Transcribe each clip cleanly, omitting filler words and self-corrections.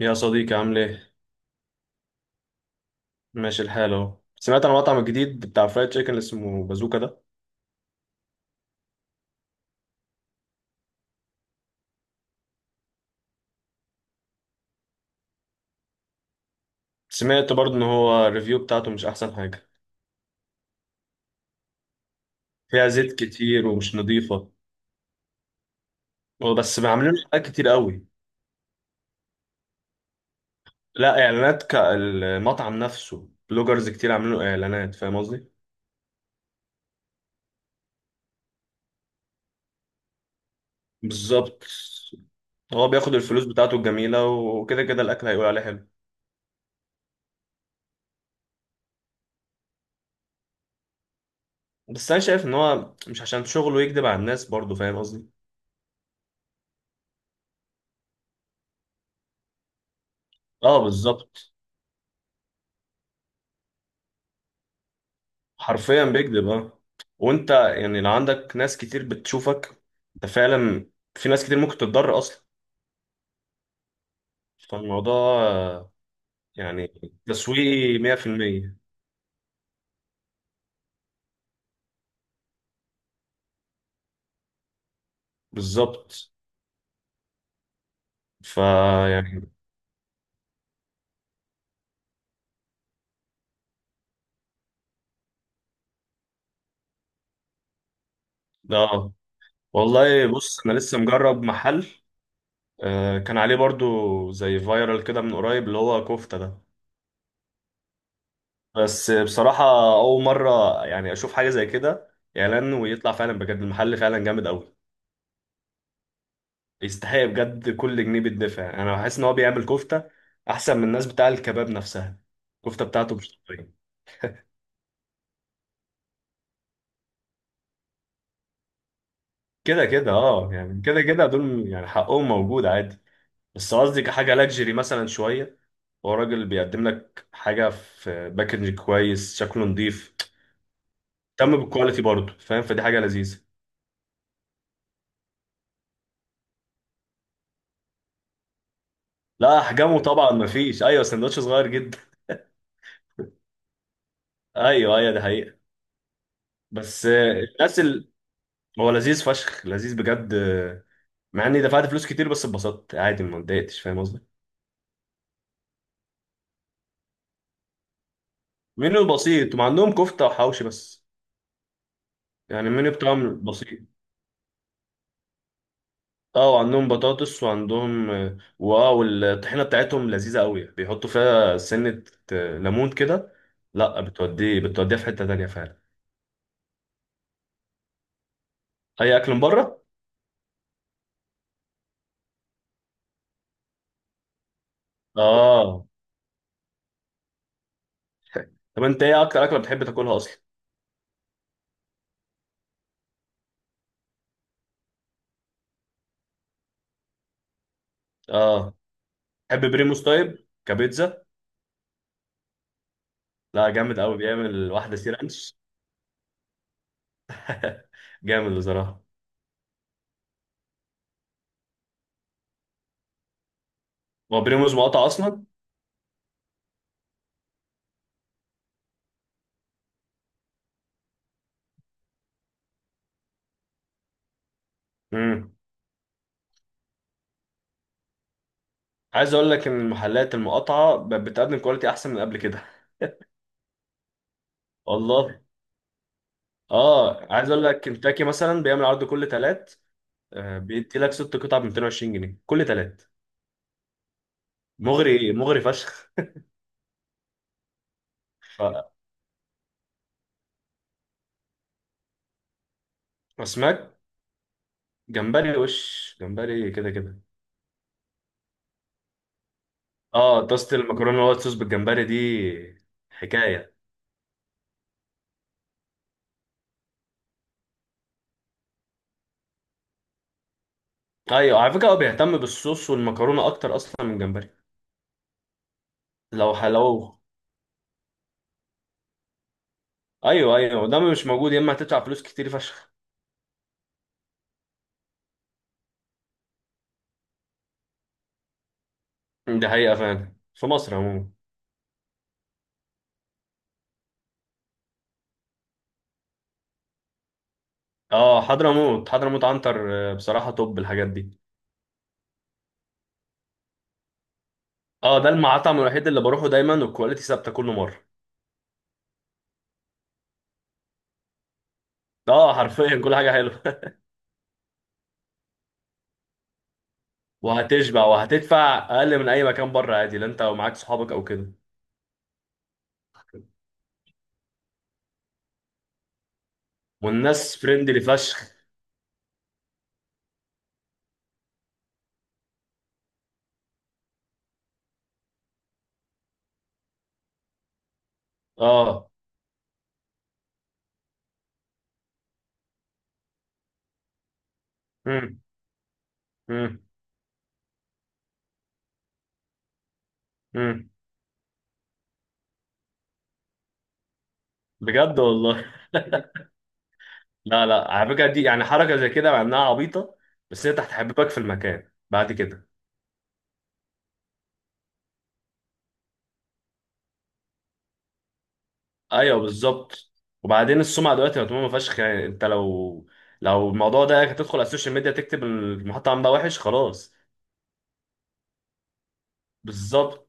يا صديقي، عامل ايه؟ ماشي الحال اهو. سمعت عن المطعم الجديد بتاع فرايد تشيكن اللي اسمه بازوكا ده. سمعت برضه ان هو الريفيو بتاعته مش احسن حاجة، فيها زيت كتير ومش نظيفة. بس عاملين له حاجات كتير قوي، لا اعلانات كالمطعم نفسه، بلوجرز كتير عاملين له اعلانات. فاهم قصدي؟ بالظبط. هو بياخد الفلوس بتاعته الجميلة، وكده كده الاكل هيقول عليه حلو. بس انا شايف ان هو مش عشان شغله يكذب على الناس برضه. فاهم قصدي؟ اه، بالظبط. حرفيا بيكذب، اه. وانت يعني لو عندك ناس كتير بتشوفك انت فعلا، في ناس كتير ممكن تتضرر اصلا. فالموضوع آه، يعني تسويقي 100%. بالظبط. فيعني ده. والله بص، انا لسه مجرب محل. كان عليه برضو زي فايرال كده من قريب اللي هو كفتة ده. بس بصراحة أول مرة يعني أشوف حاجة زي كده، إعلان ويطلع فعلا بجد المحل فعلا جامد أوي. يستحق بجد كل جنيه بيدفع. انا بحس ان هو بيعمل كفته احسن من الناس بتاع الكباب نفسها. الكفته بتاعته مش طبيعيه. كده كده اه يعني، كده كده دول يعني حقهم موجود عادي. بس قصدي كحاجه لاكجري مثلا شويه، هو راجل بيقدم لك حاجه في باكج كويس، شكله نظيف، اهتم بالكواليتي برضه. فاهم؟ فدي حاجه لذيذه. لا، احجامه طبعا ما فيش، ايوه سندوتش صغير جدا. ايوه ايوه، دي حقيقه. بس هو لذيذ فشخ، لذيذ بجد. مع اني دفعت فلوس كتير بس اتبسطت عادي، ما اتضايقتش. فاهم قصدي؟ منيو بسيط، هم عندهم كفته وحوشي بس. يعني المنيو بتاعهم بسيط. اه، وعندهم بطاطس، وعندهم واو! الطحينه بتاعتهم لذيذه قوي، بيحطوا فيها سنه، ليمون كده. لا، بتوديها في حته تانيه فعلا. اي اكل من بره. اه. طب انت ايه اكتر اكله بتحب تاكلها اصلا؟ اه. تحب بريموس طيب كبيتزا؟ لا، جامد قوي، بيعمل واحده سي رانش. جامد بصراحه. هو بريموس مقاطع اصلا؟ امم. عايز اقول لك ان المحلات المقاطعه بتقدم كواليتي احسن من قبل كده. والله. اه، عايز اقول لك كنتاكي مثلا بيعمل عرض كل تلات، بيدي لك ست قطع ب 220 جنيه كل تلات. مغري مغري فشخ. فاسماك، جمبري وش جمبري كده كده. اه، طاسه المكرونه الوايت صوص بالجمبري دي حكايه. ايوه، على فكره هو بيهتم بالصوص والمكرونه اكتر اصلا من الجمبري. لو حلو. ايوه ايوه، وده مش موجود، يا اما هتدفع فلوس كتير فشخ. دي حقيقه فعلا في مصر عموما. اه، حضرموت، حضرموت عنتر، بصراحه توب الحاجات دي. اه، ده المطعم الوحيد اللي بروحه دايما والكواليتي ثابته كل مره. اه، حرفيا كل حاجه حلوه. وهتشبع وهتدفع اقل من اي مكان بره عادي، لا انت ومعاك صحابك او كده. والناس فريندلي فشخ. اه. امم. امم. امم. بجد والله. لا لا، على فكره دي يعني حركه زي كده مع انها عبيطه، بس هي تحت حبيبك في المكان بعد كده. ايوه بالظبط. وبعدين السمعه دلوقتي مطمومه فشخ. يعني انت لو الموضوع ده هتدخل على السوشيال ميديا تكتب المحطه عامله وحش خلاص. بالظبط.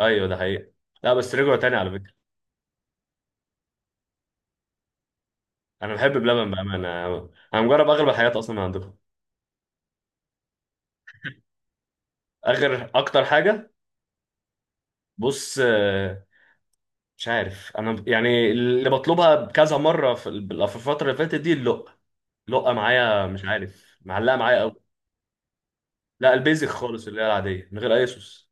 ايوه ده حقيقه. لا بس رجعوا تاني على فكره. انا بحب بلبن بامانه. انا مجرب اغلب الحاجات اصلا من عندكم. اخر اكتر حاجه. بص، مش عارف انا يعني اللي بطلبها كذا مره في في الفتره اللي فاتت دي اللقه. لقه معايا، مش عارف معلقه معايا قوي. لا، البيزك خالص اللي هي العاديه من غير اي صوص.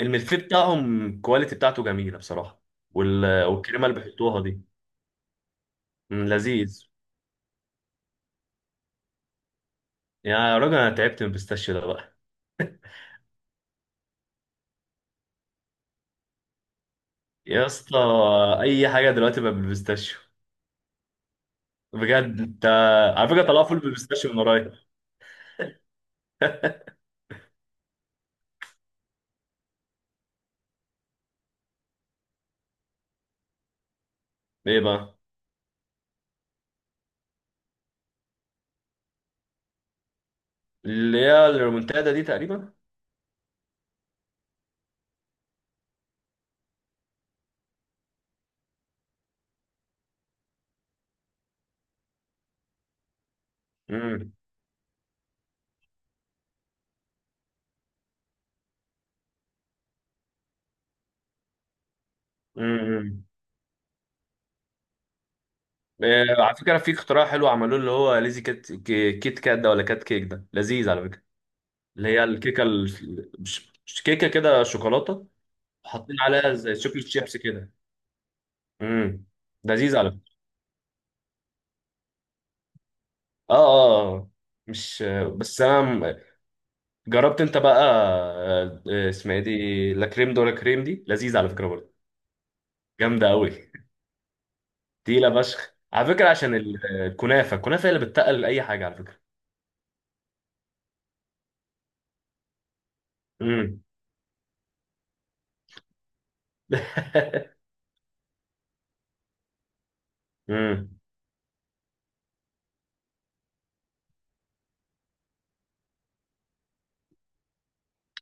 الملفيه بتاعهم الكواليتي بتاعته جميله بصراحه. والكريمه اللي بيحطوها دي لذيذ. يا راجل، انا تعبت من البيستاشيو ده بقى. يا اسطى، اي حاجه دلوقتي بقى بالبيستاشيو. بجد انت. على فكره طلعوا فول بالبيستاشيو من قريب. ايه بقى؟ اللي هي الريمونتادا دي تقريبا. امم. امم. إيه، على فكره في اختراع حلو عملوه اللي هو ليزي كات كيت كات ده، ولا كات كيك ده لذيذ على فكره. اللي هي الكيكه مش كيكه كده، شوكولاته حاطين عليها زي شوكليت شيبس كده. امم. لذيذ على فكره. اه اه آه. مش، بس انا جربت انت بقى، اسمها ايه دي، لا كريم دولا كريم دي لذيذ على فكره برضه. جامده قوي. تقيله فشخ على فكره، عشان الكنافه الكنافه هي اللي بتتقل اي حاجه على فكره. امم. امم.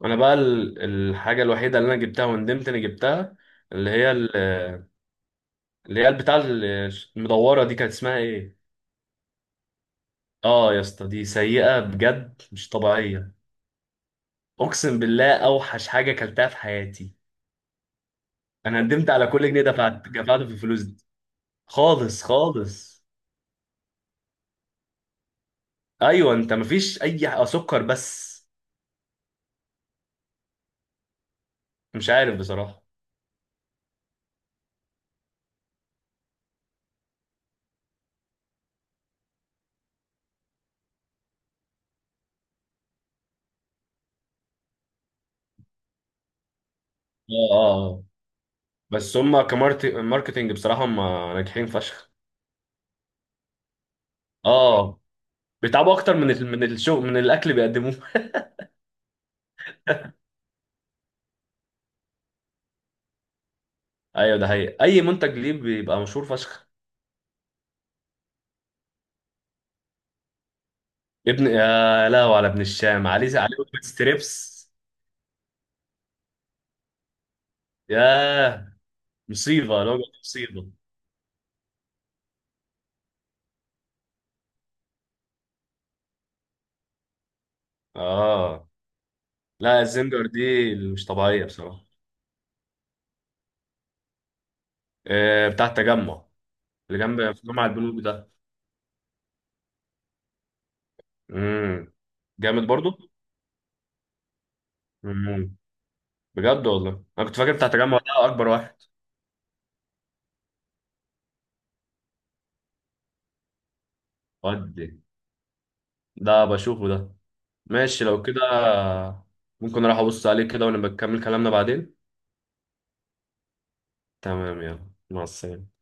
انا بقى الحاجه الوحيده اللي انا جبتها وندمت اني جبتها، اللي هي اللي هي بتاع المدوره دي كانت اسمها ايه؟ اه يا اسطى، دي سيئه بجد مش طبيعيه. اقسم بالله اوحش حاجه اكلتها في حياتي. انا ندمت على كل جنيه دفعت دفعته في الفلوس دي. خالص خالص. ايوه، انت مفيش اي سكر بس. مش عارف بصراحه. اه اه آه. بس هم كماركتنج بصراحه، هم ناجحين فشخ. اه، بيتعبوا اكتر من الشغل، من الاكل بيقدموه. ايوه ده حقيقي، اي منتج ليه بيبقى مشهور فشخ. ابن، يا لهو على ابن الشام، عليه عليه وجبة ستريبس. ياه. مصيبه لو مصيبه. اه، لا الزنجر دي اللي مش طبيعية بصراحة. آه، بتاع التجمع، اللي جنب في جامع البنوك ده. امم. جامد برضو. امم. بجد والله، انا كنت فاكر بتاع التجمع ده اكبر واحد. ودي، ده بشوفه ده. ماشي لو كده، ممكن اروح ابص عليه كده ونبقى نكمل كلامنا بعدين. تمام، يلا مع السلامة.